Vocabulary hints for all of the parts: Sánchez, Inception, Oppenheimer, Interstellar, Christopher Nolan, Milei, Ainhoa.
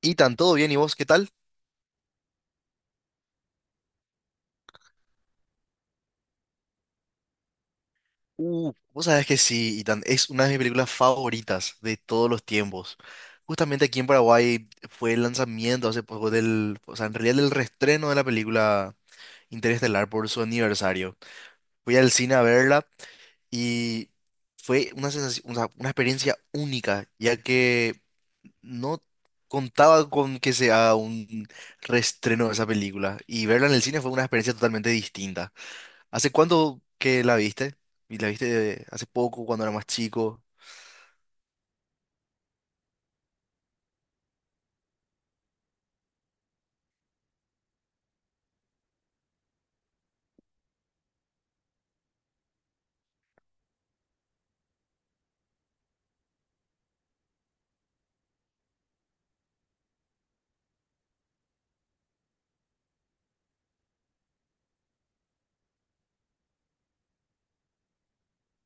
Ethan, ¿todo bien? ¿Y vos qué tal? Vos sabés que sí, Ethan, es una de mis películas favoritas de todos los tiempos. Justamente aquí en Paraguay fue el lanzamiento hace poco del, o sea, en realidad del reestreno de la película Interestelar por su aniversario. Fui al cine a verla y fue una sensación, o sea, una experiencia única, ya que no contaba con que se haga un reestreno de esa película y verla en el cine fue una experiencia totalmente distinta. ¿Hace cuánto que la viste? Y la viste hace poco, cuando era más chico,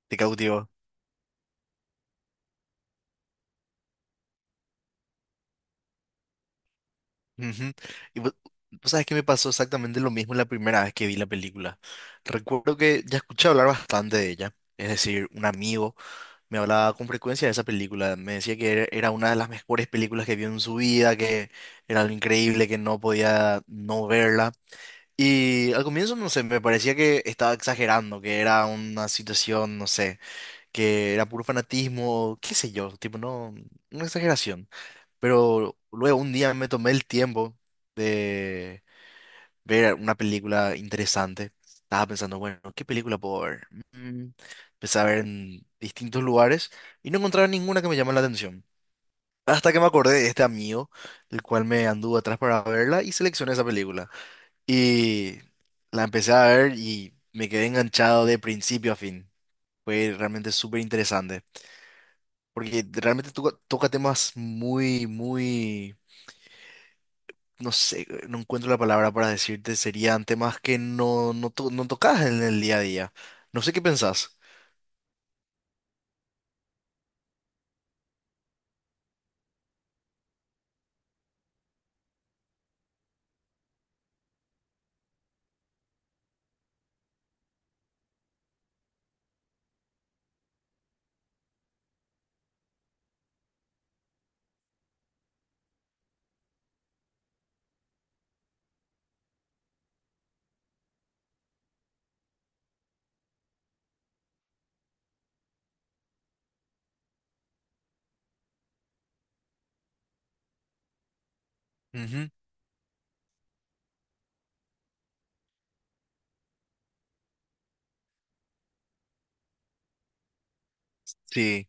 te cautivó. Ujú. Y vos, vos sabes que me pasó exactamente lo mismo la primera vez que vi la película. Recuerdo que ya escuché hablar bastante de ella. Es decir, un amigo me hablaba con frecuencia de esa película. Me decía que era una de las mejores películas que vio en su vida, que era algo increíble, que no podía no verla. Y al comienzo, no sé, me parecía que estaba exagerando, que era una situación, no sé que era puro fanatismo, qué sé yo, tipo, no, una exageración. Pero luego un día me tomé el tiempo de ver una película interesante. Estaba pensando, bueno, ¿qué película puedo ver? Mm, Empecé a ver en distintos lugares y no encontraba ninguna que me llamara la atención. Hasta que me acordé de este amigo, el cual me anduvo atrás para verla y seleccioné esa película. Y la empecé a ver y me quedé enganchado de principio a fin. Fue realmente súper interesante. Porque realmente toca, toca temas muy, muy, no sé, no encuentro la palabra para decirte, serían temas que no, no, no tocas en el día a día. No sé qué pensás. Ujú. Sí,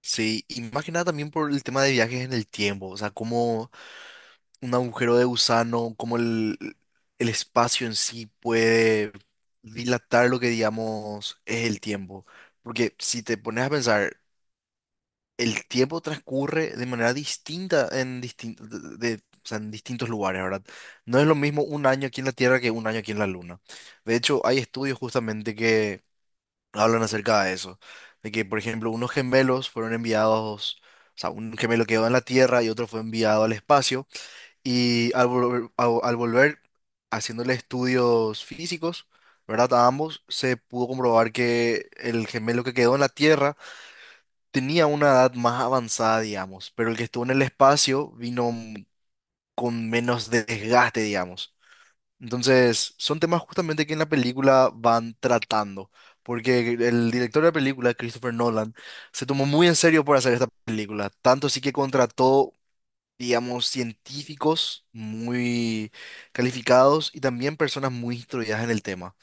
sí, y más que nada también por el tema de viajes en el tiempo, o sea, cómo un agujero de gusano, cómo el espacio en sí puede dilatar lo que digamos es el tiempo. Porque si te pones a pensar, el tiempo transcurre de manera distinta en, o sea, en distintos lugares, ¿verdad? No es lo mismo un año aquí en la Tierra que un año aquí en la Luna. De hecho, hay estudios justamente que hablan acerca de eso, de que, por ejemplo, unos gemelos fueron enviados, o sea, un gemelo quedó en la Tierra y otro fue enviado al espacio, y al volver, al volver haciéndole estudios físicos, ¿verdad? A ambos se pudo comprobar que el gemelo que quedó en la Tierra tenía una edad más avanzada, digamos, pero el que estuvo en el espacio vino con menos desgaste, digamos. Entonces, son temas justamente que en la película van tratando, porque el director de la película, Christopher Nolan, se tomó muy en serio por hacer esta película, tanto así que contrató, digamos, científicos muy calificados y también personas muy instruidas en el tema.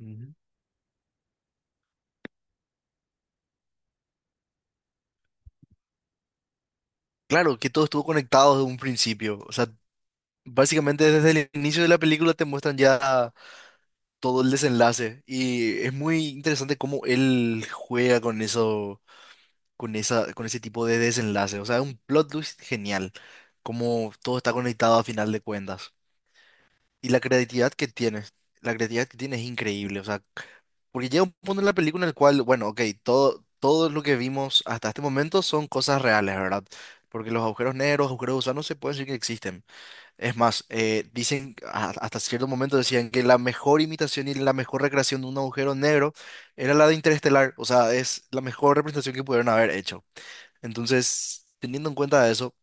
Ujú. Claro, que todo estuvo conectado desde un principio. O sea, básicamente desde el inicio de la película te muestran ya todo el desenlace. Y es muy interesante cómo él juega con eso, con esa, con ese tipo de desenlace. O sea, es un plot twist genial. Cómo todo está conectado a final de cuentas. Y la creatividad que tiene, la creatividad que tiene es increíble. O sea, porque llega un punto en la película en el cual, bueno, ok, todo, todo lo que vimos hasta este momento son cosas reales, ¿verdad? Porque los agujeros negros, agujeros gusanos se puede decir que existen. Es más, dicen, hasta cierto momento decían que la mejor imitación y la mejor recreación de un agujero negro era la de Interestelar, o sea, es la mejor representación que pudieron haber hecho. Entonces, teniendo en cuenta eso,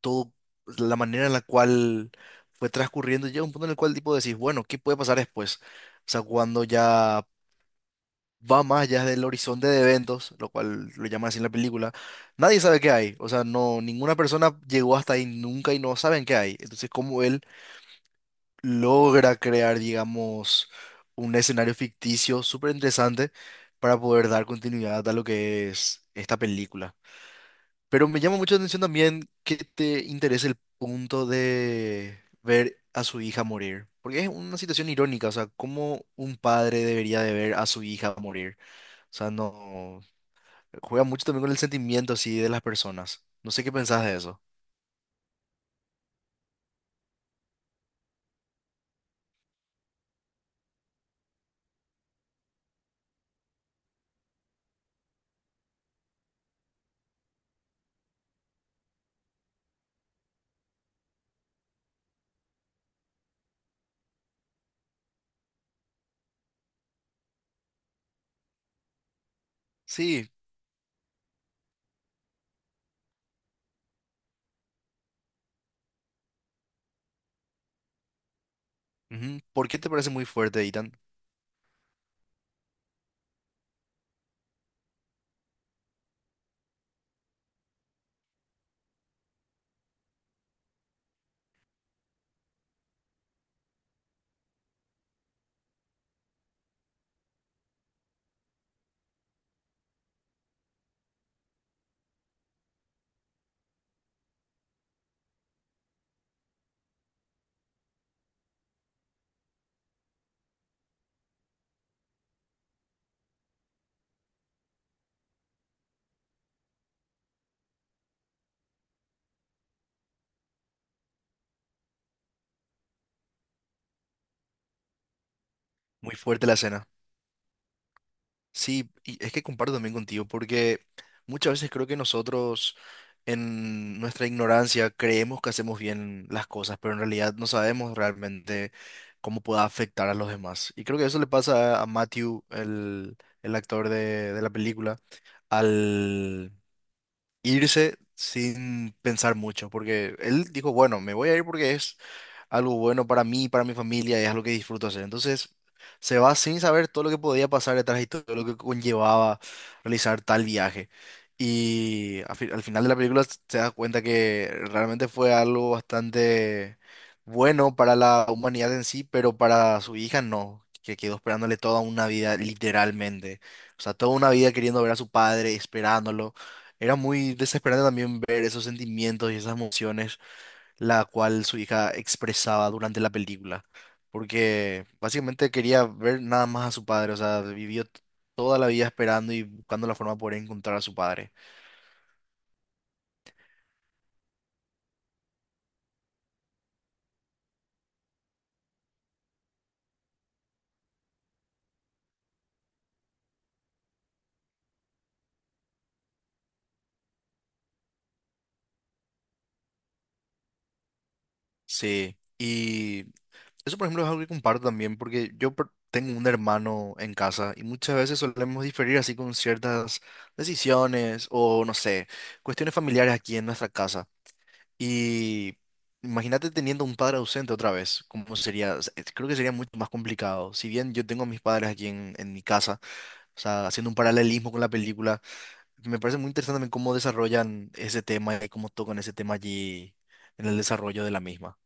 todo, la manera en la cual fue transcurriendo, llega un punto en el cual tipo decís, bueno, ¿qué puede pasar después? O sea, cuando ya va más allá del horizonte de eventos, lo cual lo llaman así en la película, nadie sabe qué hay, o sea, no, ninguna persona llegó hasta ahí nunca y no saben qué hay. Entonces, como él logra crear, digamos, un escenario ficticio súper interesante para poder dar continuidad a lo que es esta película. Pero me llama mucho la atención también que te interese el punto de ver a su hija morir, porque es una situación irónica, o sea, cómo un padre debería de ver a su hija morir. O sea, no juega mucho también con el sentimiento así de las personas. No sé qué pensás de eso. Sí, ujú. ¿Por qué te parece muy fuerte, Ethan? Muy fuerte la escena. Sí, y es que comparto también contigo, porque muchas veces creo que nosotros en nuestra ignorancia creemos que hacemos bien las cosas, pero en realidad no sabemos realmente cómo pueda afectar a los demás. Y creo que eso le pasa a Matthew, el actor de la película, al, irse sin pensar mucho, porque él dijo, bueno, me voy a ir porque es algo bueno para mí, para mi familia, y es algo que disfruto hacer. Entonces, se va sin saber todo lo que podía pasar detrás y todo lo que conllevaba realizar tal viaje. Y al, al final de la película te das cuenta que realmente fue algo bastante bueno para la humanidad en sí, pero para su hija no, que quedó esperándole toda una vida, literalmente. O sea, toda una vida queriendo ver a su padre, esperándolo. Era muy desesperante también ver esos sentimientos y esas emociones, la cual su hija expresaba durante la película, porque básicamente quería ver nada más a su padre, o sea, vivió toda la vida esperando y buscando la forma de poder encontrar a su padre. Sí, y eso por ejemplo es algo que comparto también, porque yo tengo un hermano en casa y muchas veces solemos diferir así con ciertas decisiones o no sé, cuestiones familiares aquí en nuestra casa. Y imagínate teniendo un padre ausente otra vez, ¿cómo sería? O sea, creo que sería mucho más complicado. Si bien yo tengo a mis padres aquí en mi casa, o sea, haciendo un paralelismo con la película, me parece muy interesante también cómo desarrollan ese tema y cómo tocan ese tema allí en el desarrollo de la misma.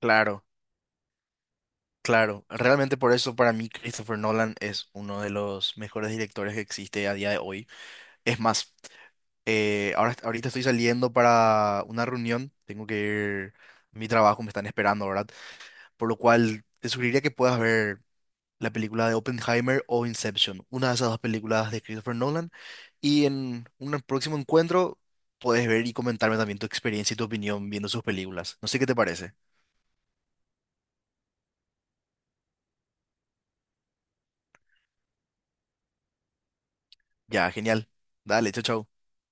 Claro, claro. Realmente por eso para mí Christopher Nolan es uno de los mejores directores que existe a día de hoy. Es más, ahora, ahorita estoy saliendo para una reunión, tengo que ir... Mi trabajo me están esperando, ¿verdad? Por lo cual, te sugeriría que puedas ver la película de Oppenheimer o Inception, una de esas dos películas de Christopher Nolan. Y en un próximo encuentro puedes ver y comentarme también tu experiencia y tu opinión viendo sus películas. No sé qué te parece. Ya, genial. Dale, chao, chao.